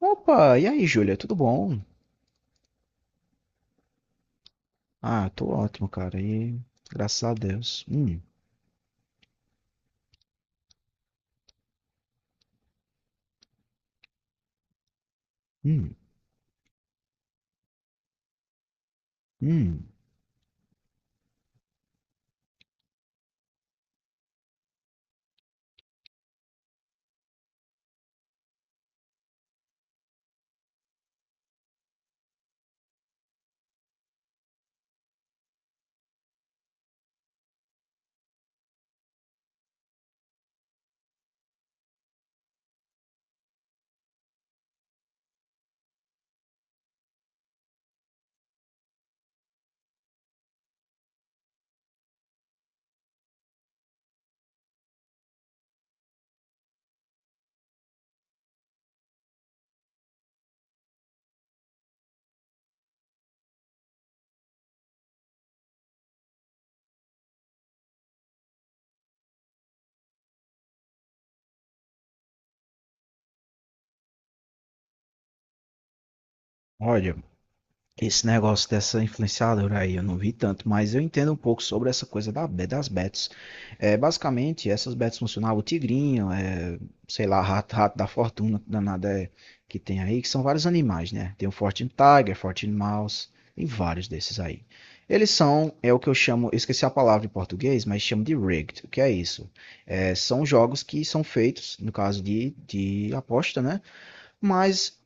Opa, e aí, Júlia, tudo bom? Ah, tô ótimo, cara, e graças a Deus. Hum, hum. Olha, esse negócio dessa influenciadora aí, eu não vi tanto, mas eu entendo um pouco sobre essa coisa das bets. É, basicamente, essas bets funcionavam, o tigrinho, é, sei lá, rato da fortuna, que danada é, que tem aí, que são vários animais, né? Tem o Fortune Tiger, Fortune Mouse, tem vários desses aí. Eles são, é o que eu chamo, eu esqueci a palavra em português, mas chamo de rigged. O que é isso? É, são jogos que são feitos, no caso de aposta, né? Mas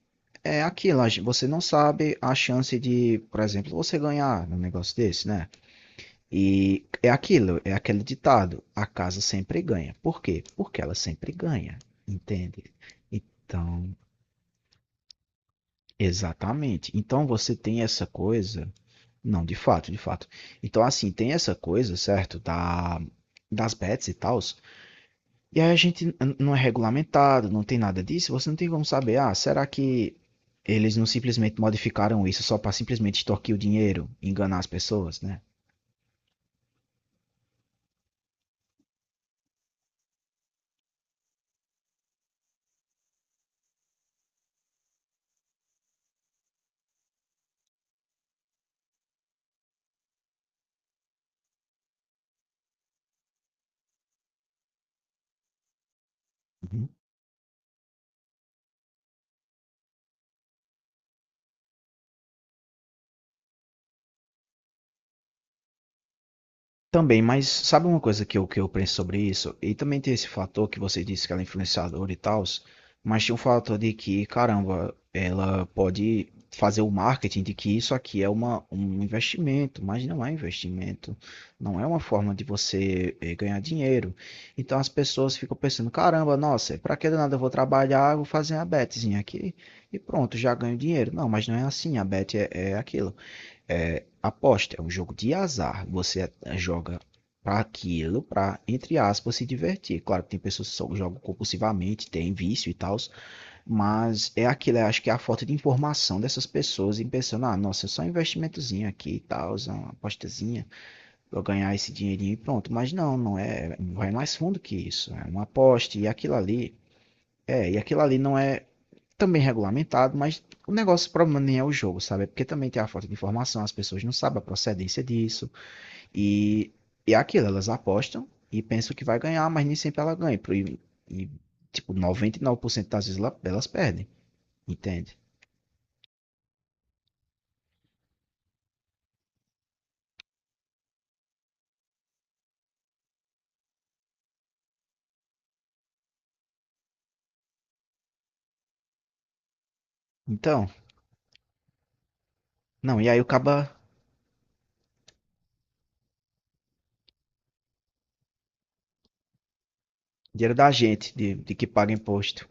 é aquilo, você não sabe a chance de, por exemplo, você ganhar num negócio desse, né? E é aquilo, é aquele ditado, a casa sempre ganha. Por quê? Porque ela sempre ganha, entende? Então, exatamente. Então você tem essa coisa, não, de fato, de fato. Então assim, tem essa coisa, certo, da das bets e tal. E aí a gente não é regulamentado, não tem nada disso, você não tem como saber, ah, será que eles não simplesmente modificaram isso só para simplesmente extorquir o dinheiro, enganar as pessoas, né? Uhum. Também, mas sabe uma coisa que eu penso sobre isso? E também tem esse fator que você disse que ela é influenciadora e tal, mas tem um fator de que, caramba, ela pode fazer o marketing de que isso aqui é um investimento, mas não é investimento, não é uma forma de você ganhar dinheiro. Então as pessoas ficam pensando, caramba, nossa, pra que do nada eu vou trabalhar, eu vou fazer a betezinha aqui e pronto, já ganho dinheiro. Não, mas não é assim, a bet é aquilo. Aposta é um jogo de azar. Você joga para aquilo, para, entre aspas, se divertir. Claro que tem pessoas que só jogam compulsivamente, tem vício e tal, mas é aquilo, eu acho que é a falta de informação dessas pessoas. E pensando, ah, nossa, é só um investimentozinho aqui e tal, uma apostazinha, pra ganhar esse dinheirinho e pronto. Mas não, não é, vai mais fundo que isso, é uma aposta e aquilo ali, é, e aquilo ali não é também regulamentado, mas o negócio, o problema nem é o jogo, sabe? É porque também tem a falta de informação, as pessoas não sabem a procedência disso, e, é aquilo, elas apostam e pensam que vai ganhar, mas nem sempre ela ganha. E, tipo, 99% das vezes elas perdem, entende? Então, não, e aí o caba dinheiro da gente, de que paga imposto.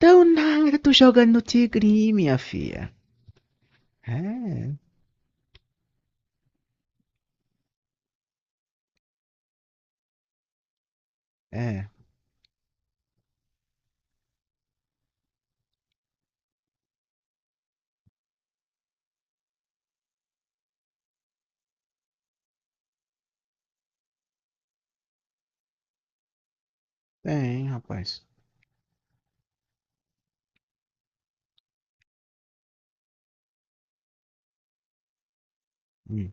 Então nada, tô jogando no tigrinho, minha filha. É, é, tem, rapaz. Hum,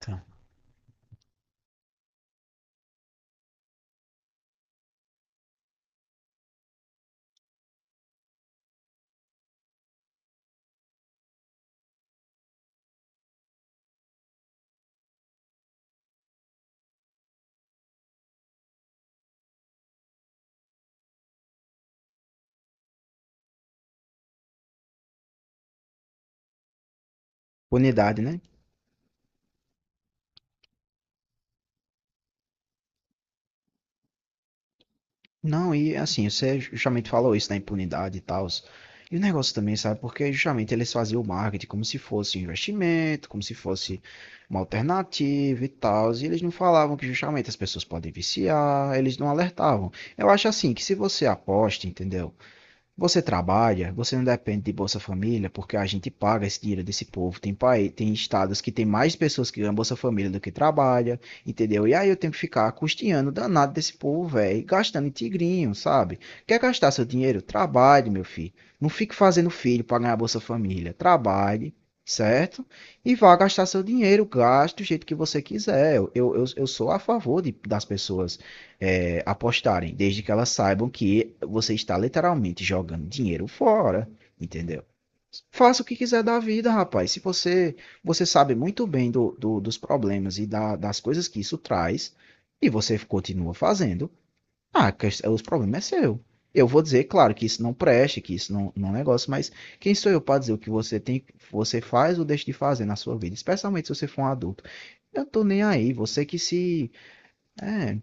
então. Unidade, né? Não, e assim, você justamente falou isso da impunidade e tal. E o negócio também, sabe? Porque justamente eles faziam o marketing como se fosse um investimento, como se fosse uma alternativa e tal. E eles não falavam que justamente as pessoas podem viciar, eles não alertavam. Eu acho assim que se você aposta, entendeu? Você trabalha, você não depende de Bolsa Família, porque a gente paga esse dinheiro desse povo. Tem país, tem estados que tem mais pessoas que ganham Bolsa Família do que trabalha, entendeu? E aí eu tenho que ficar custeando o danado desse povo, velho, gastando em tigrinho, sabe? Quer gastar seu dinheiro? Trabalhe, meu filho. Não fique fazendo filho para ganhar Bolsa Família. Trabalhe, certo? E vá gastar seu dinheiro, gaste do jeito que você quiser. Eu sou a favor das pessoas apostarem, desde que elas saibam que você está literalmente jogando dinheiro fora, entendeu? Faça o que quiser da vida, rapaz. Se você você sabe muito bem dos problemas e das coisas que isso traz, e você continua fazendo, ah, que- os problemas é seu. Eu vou dizer, claro, que isso não preste, que isso não, não é um negócio, mas quem sou eu para dizer o que você tem, você faz ou deixa de fazer na sua vida, especialmente se você for um adulto. Eu tô nem aí, você que se. É,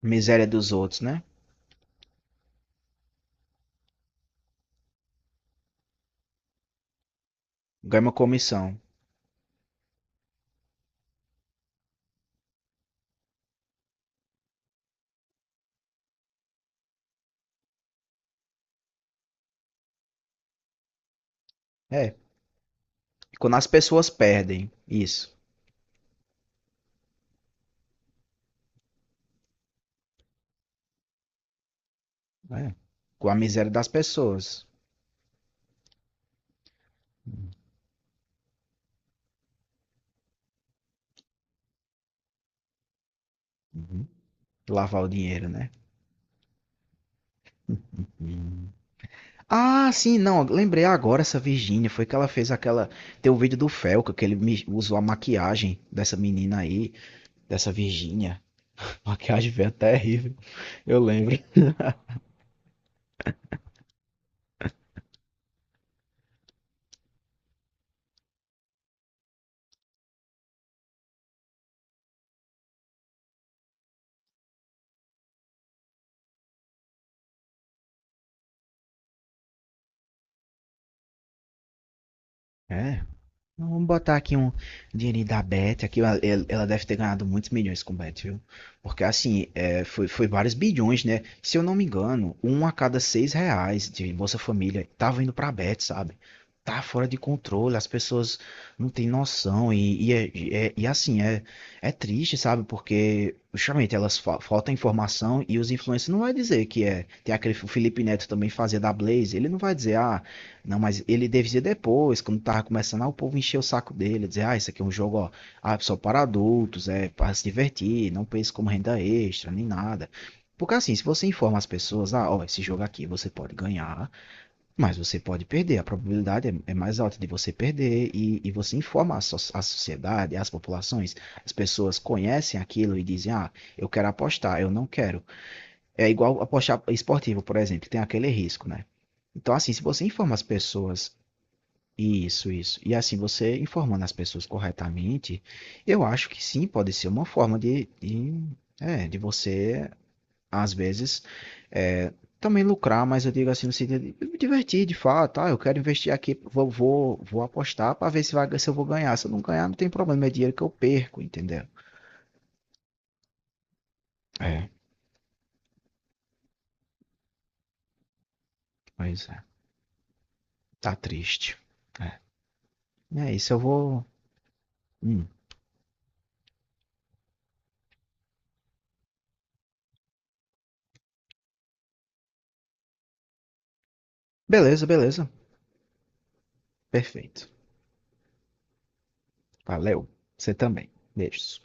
miséria dos outros, né? Ganha uma comissão. É. E quando as pessoas perdem isso, né? Com a miséria das pessoas. Uhum. Lavar o dinheiro, né? Uhum. Ah, sim, não. Lembrei agora essa Virgínia. Foi que ela fez aquela. Tem o vídeo do Felca, que ele usou a maquiagem dessa menina aí, dessa Virgínia. Maquiagem veio até horrível. Eu lembro. É. Então, vamos botar aqui um dinheirinho da Beth. Aqui ela deve ter ganhado muitos milhões com Bet, viu? Porque assim, foi vários bilhões, né? Se eu não me engano, um a cada 6 reais de Bolsa Família tava indo pra Bet, sabe? Tá fora de controle, as pessoas não têm noção. Assim, é triste, sabe? Porque justamente elas fa falta informação e os influencers não vai dizer que é. Tem aquele o Felipe Neto também fazia da Blaze, ele não vai dizer, ah. Não, mas ele devia depois, quando tava começando, ah, o povo encheu o saco dele, dizer, ah, isso aqui é um jogo, ó, ah, só para adultos, é para se divertir, não pense como renda extra, nem nada. Porque assim, se você informa as pessoas, ah, ó, esse jogo aqui você pode ganhar, mas você pode perder, a probabilidade é mais alta de você perder, e você informa a, a sociedade, as populações, as pessoas conhecem aquilo e dizem, ah, eu quero apostar, eu não quero. É igual apostar esportivo, por exemplo, tem aquele risco, né? Então, assim, se você informa as pessoas isso, isso. E assim, você informando as pessoas corretamente, eu acho que sim, pode ser uma forma de você, às vezes, é, também lucrar, mas eu digo assim, no sentido de me divertir de fato, ah, eu quero investir aqui, vou apostar para ver se eu vou ganhar. Se eu não ganhar, não tem problema, é dinheiro que eu perco, entendeu? É, pois é. Tá triste. É, é isso, eu vou. Hum. Beleza, beleza. Perfeito. Valeu. Você também. Beijos.